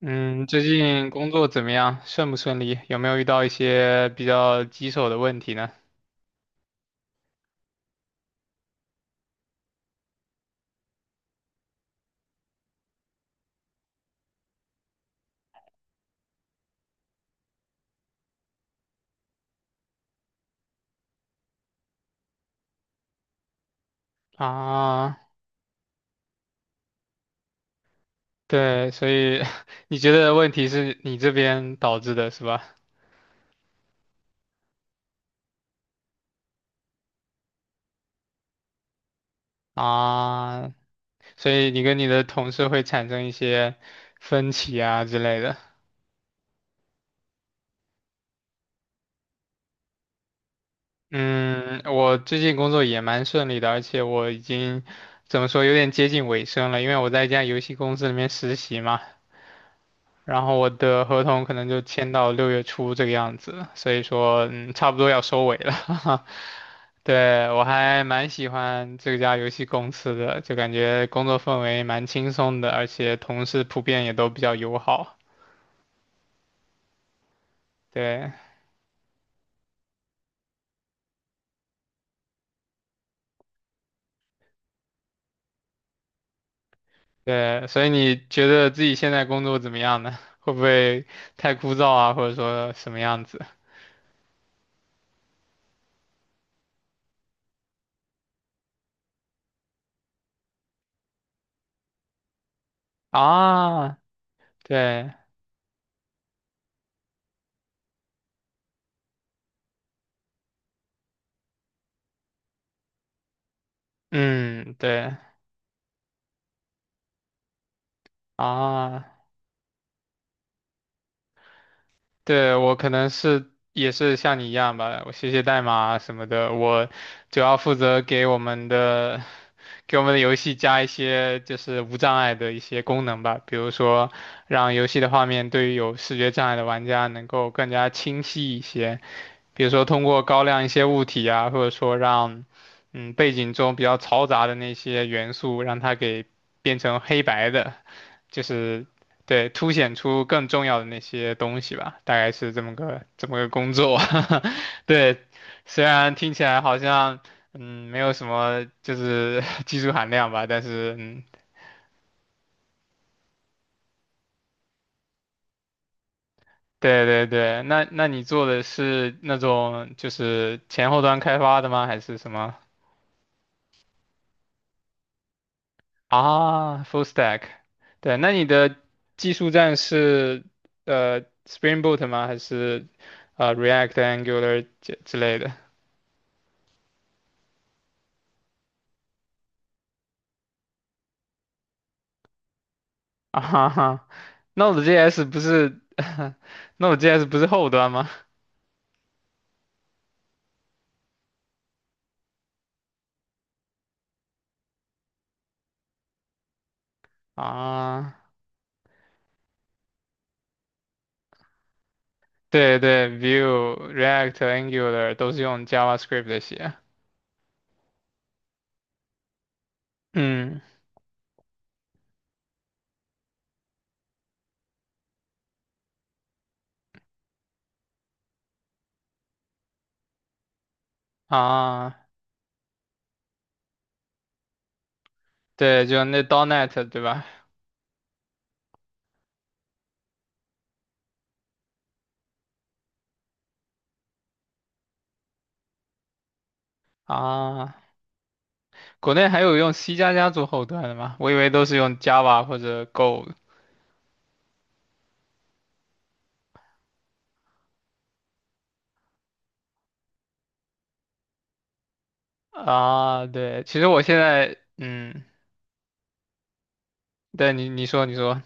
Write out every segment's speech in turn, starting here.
嗯，最近工作怎么样？顺不顺利？有没有遇到一些比较棘手的问题呢？啊，对，所以 你觉得问题是你这边导致的是吧？啊，所以你跟你的同事会产生一些分歧啊之类的。嗯，我最近工作也蛮顺利的，而且我已经怎么说，有点接近尾声了，因为我在一家游戏公司里面实习嘛。然后我的合同可能就签到6月初这个样子，所以说差不多要收尾了。对，我还蛮喜欢这家游戏公司的，就感觉工作氛围蛮轻松的，而且同事普遍也都比较友好。对对，所以你觉得自己现在工作怎么样呢？会不会太枯燥啊，或者说什么样子啊？对，嗯，对啊，对，我可能是也是像你一样吧，我写写代码啊什么的，我主要负责给我们的游戏加一些就是无障碍的一些功能吧，比如说让游戏的画面对于有视觉障碍的玩家能够更加清晰一些，比如说通过高亮一些物体啊，或者说让背景中比较嘈杂的那些元素让它给变成黑白的。就是对凸显出更重要的那些东西吧，大概是这么个工作。对，虽然听起来好像没有什么就是 技术含量吧，但是对对对，那你做的是那种就是前后端开发的吗？还是什么啊？Full stack，对，那你的技术栈是Spring Boot 吗？还是React、Angular 之类的？啊哈哈 Node.js 不是 Node.js 不是后端吗？啊，对对，Vue、React、Angular 都是用 JavaScript 写。嗯，啊，对，就那 .NET 对吧？啊，国内还有用 C 加加做后端的吗？我以为都是用 Java 或者 Go 的啊。对，其实我现在，嗯，对你说你说，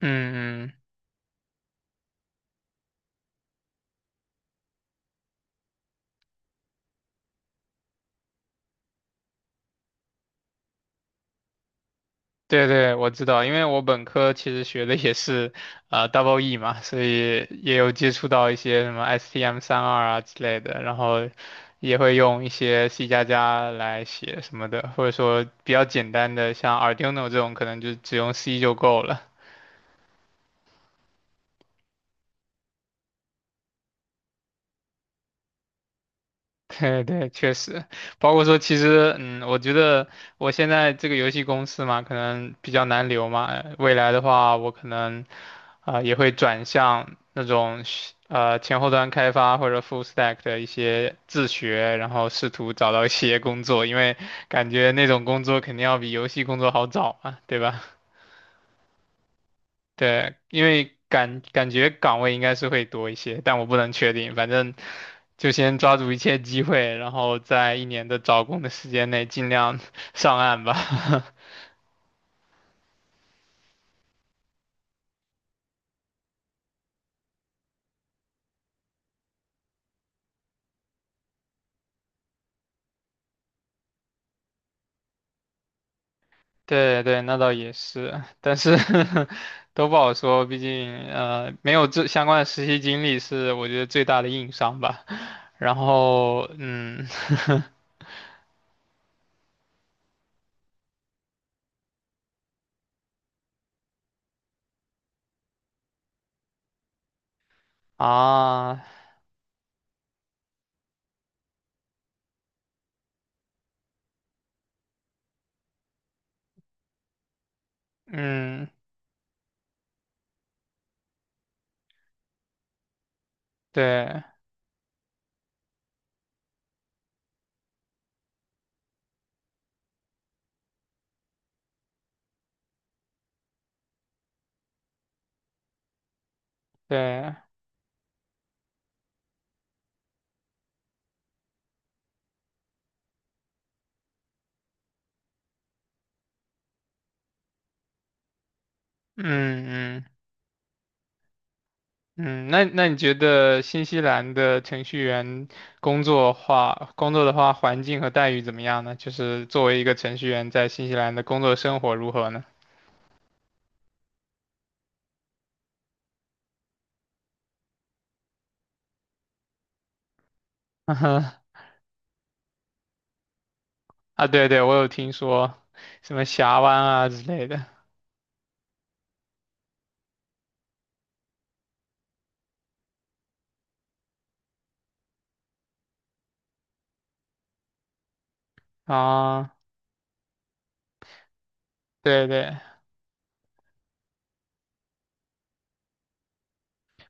嗯嗯。对对，我知道，因为我本科其实学的也是Double E 嘛，所以也有接触到一些什么 STM32啊之类的，然后也会用一些 C 加加来写什么的，或者说比较简单的像 Arduino 这种，可能就只用 C 就够了。对对，确实，包括说，其实，嗯，我觉得我现在这个游戏公司嘛，可能比较难留嘛。未来的话，我可能，啊、也会转向那种是前后端开发或者 full stack 的一些自学，然后试图找到一些工作，因为感觉那种工作肯定要比游戏工作好找嘛，对吧？对，因为感觉岗位应该是会多一些，但我不能确定。反正就先抓住一切机会，然后在一年的找工的时间内尽量 上岸吧。对对，那倒也是，但是 都不好说，毕竟没有这相关的实习经历是我觉得最大的硬伤吧。然后啊嗯对对嗯嗯。嗯，那你觉得新西兰的程序员工作的话，环境和待遇怎么样呢？就是作为一个程序员在新西兰的工作生活如何呢？嗯哼啊，对对，我有听说什么峡湾啊之类的啊，对对，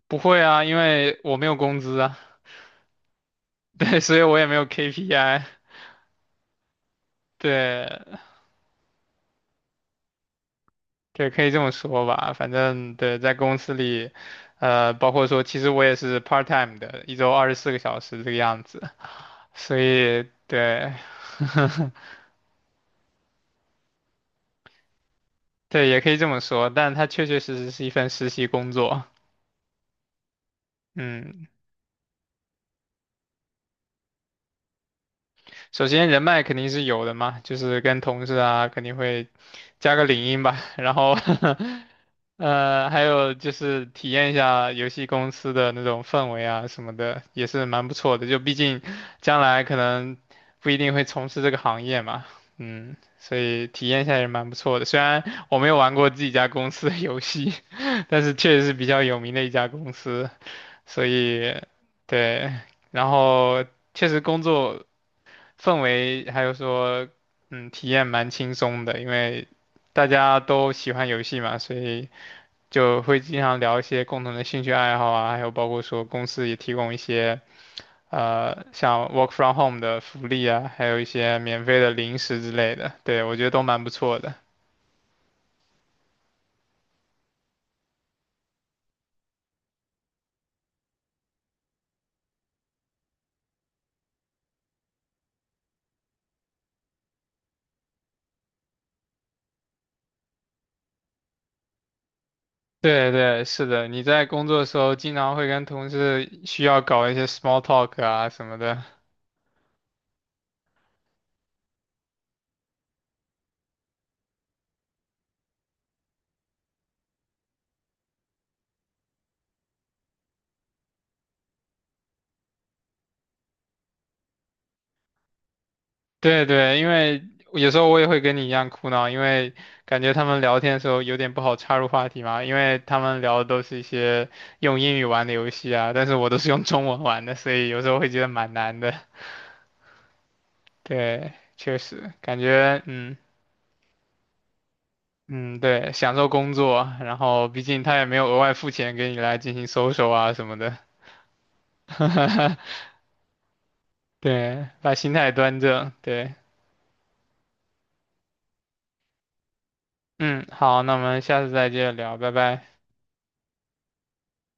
不会啊，因为我没有工资啊，对，所以我也没有 KPI，对对，可以这么说吧，反正对，在公司里，包括说，其实我也是 part time 的，一周24个小时这个样子。所以对，对，也可以这么说，但它确确实实是一份实习工作。嗯，首先人脉肯定是有的嘛，就是跟同事啊肯定会加个领英吧，然后 还有就是体验一下游戏公司的那种氛围啊什么的，也是蛮不错的。就毕竟将来可能不一定会从事这个行业嘛，嗯，所以体验一下也蛮不错的。虽然我没有玩过自己家公司的游戏，但是确实是比较有名的一家公司，所以对，然后确实工作。氛围还有说，嗯，体验蛮轻松的，因为大家都喜欢游戏嘛，所以就会经常聊一些共同的兴趣爱好啊，还有包括说公司也提供一些像 work from home 的福利啊，还有一些免费的零食之类的，对，我觉得都蛮不错的。对对，是的，你在工作的时候经常会跟同事需要搞一些 small talk 啊什么的。对对，因为有时候我也会跟你一样苦恼，因为感觉他们聊天的时候有点不好插入话题嘛，因为他们聊的都是一些用英语玩的游戏啊，但是我都是用中文玩的，所以有时候会觉得蛮难的。对，确实感觉嗯，对，享受工作，然后毕竟他也没有额外付钱给你来进行搜索啊什么的，对，把心态端正，对，嗯，好，那我们下次再接着聊，拜拜。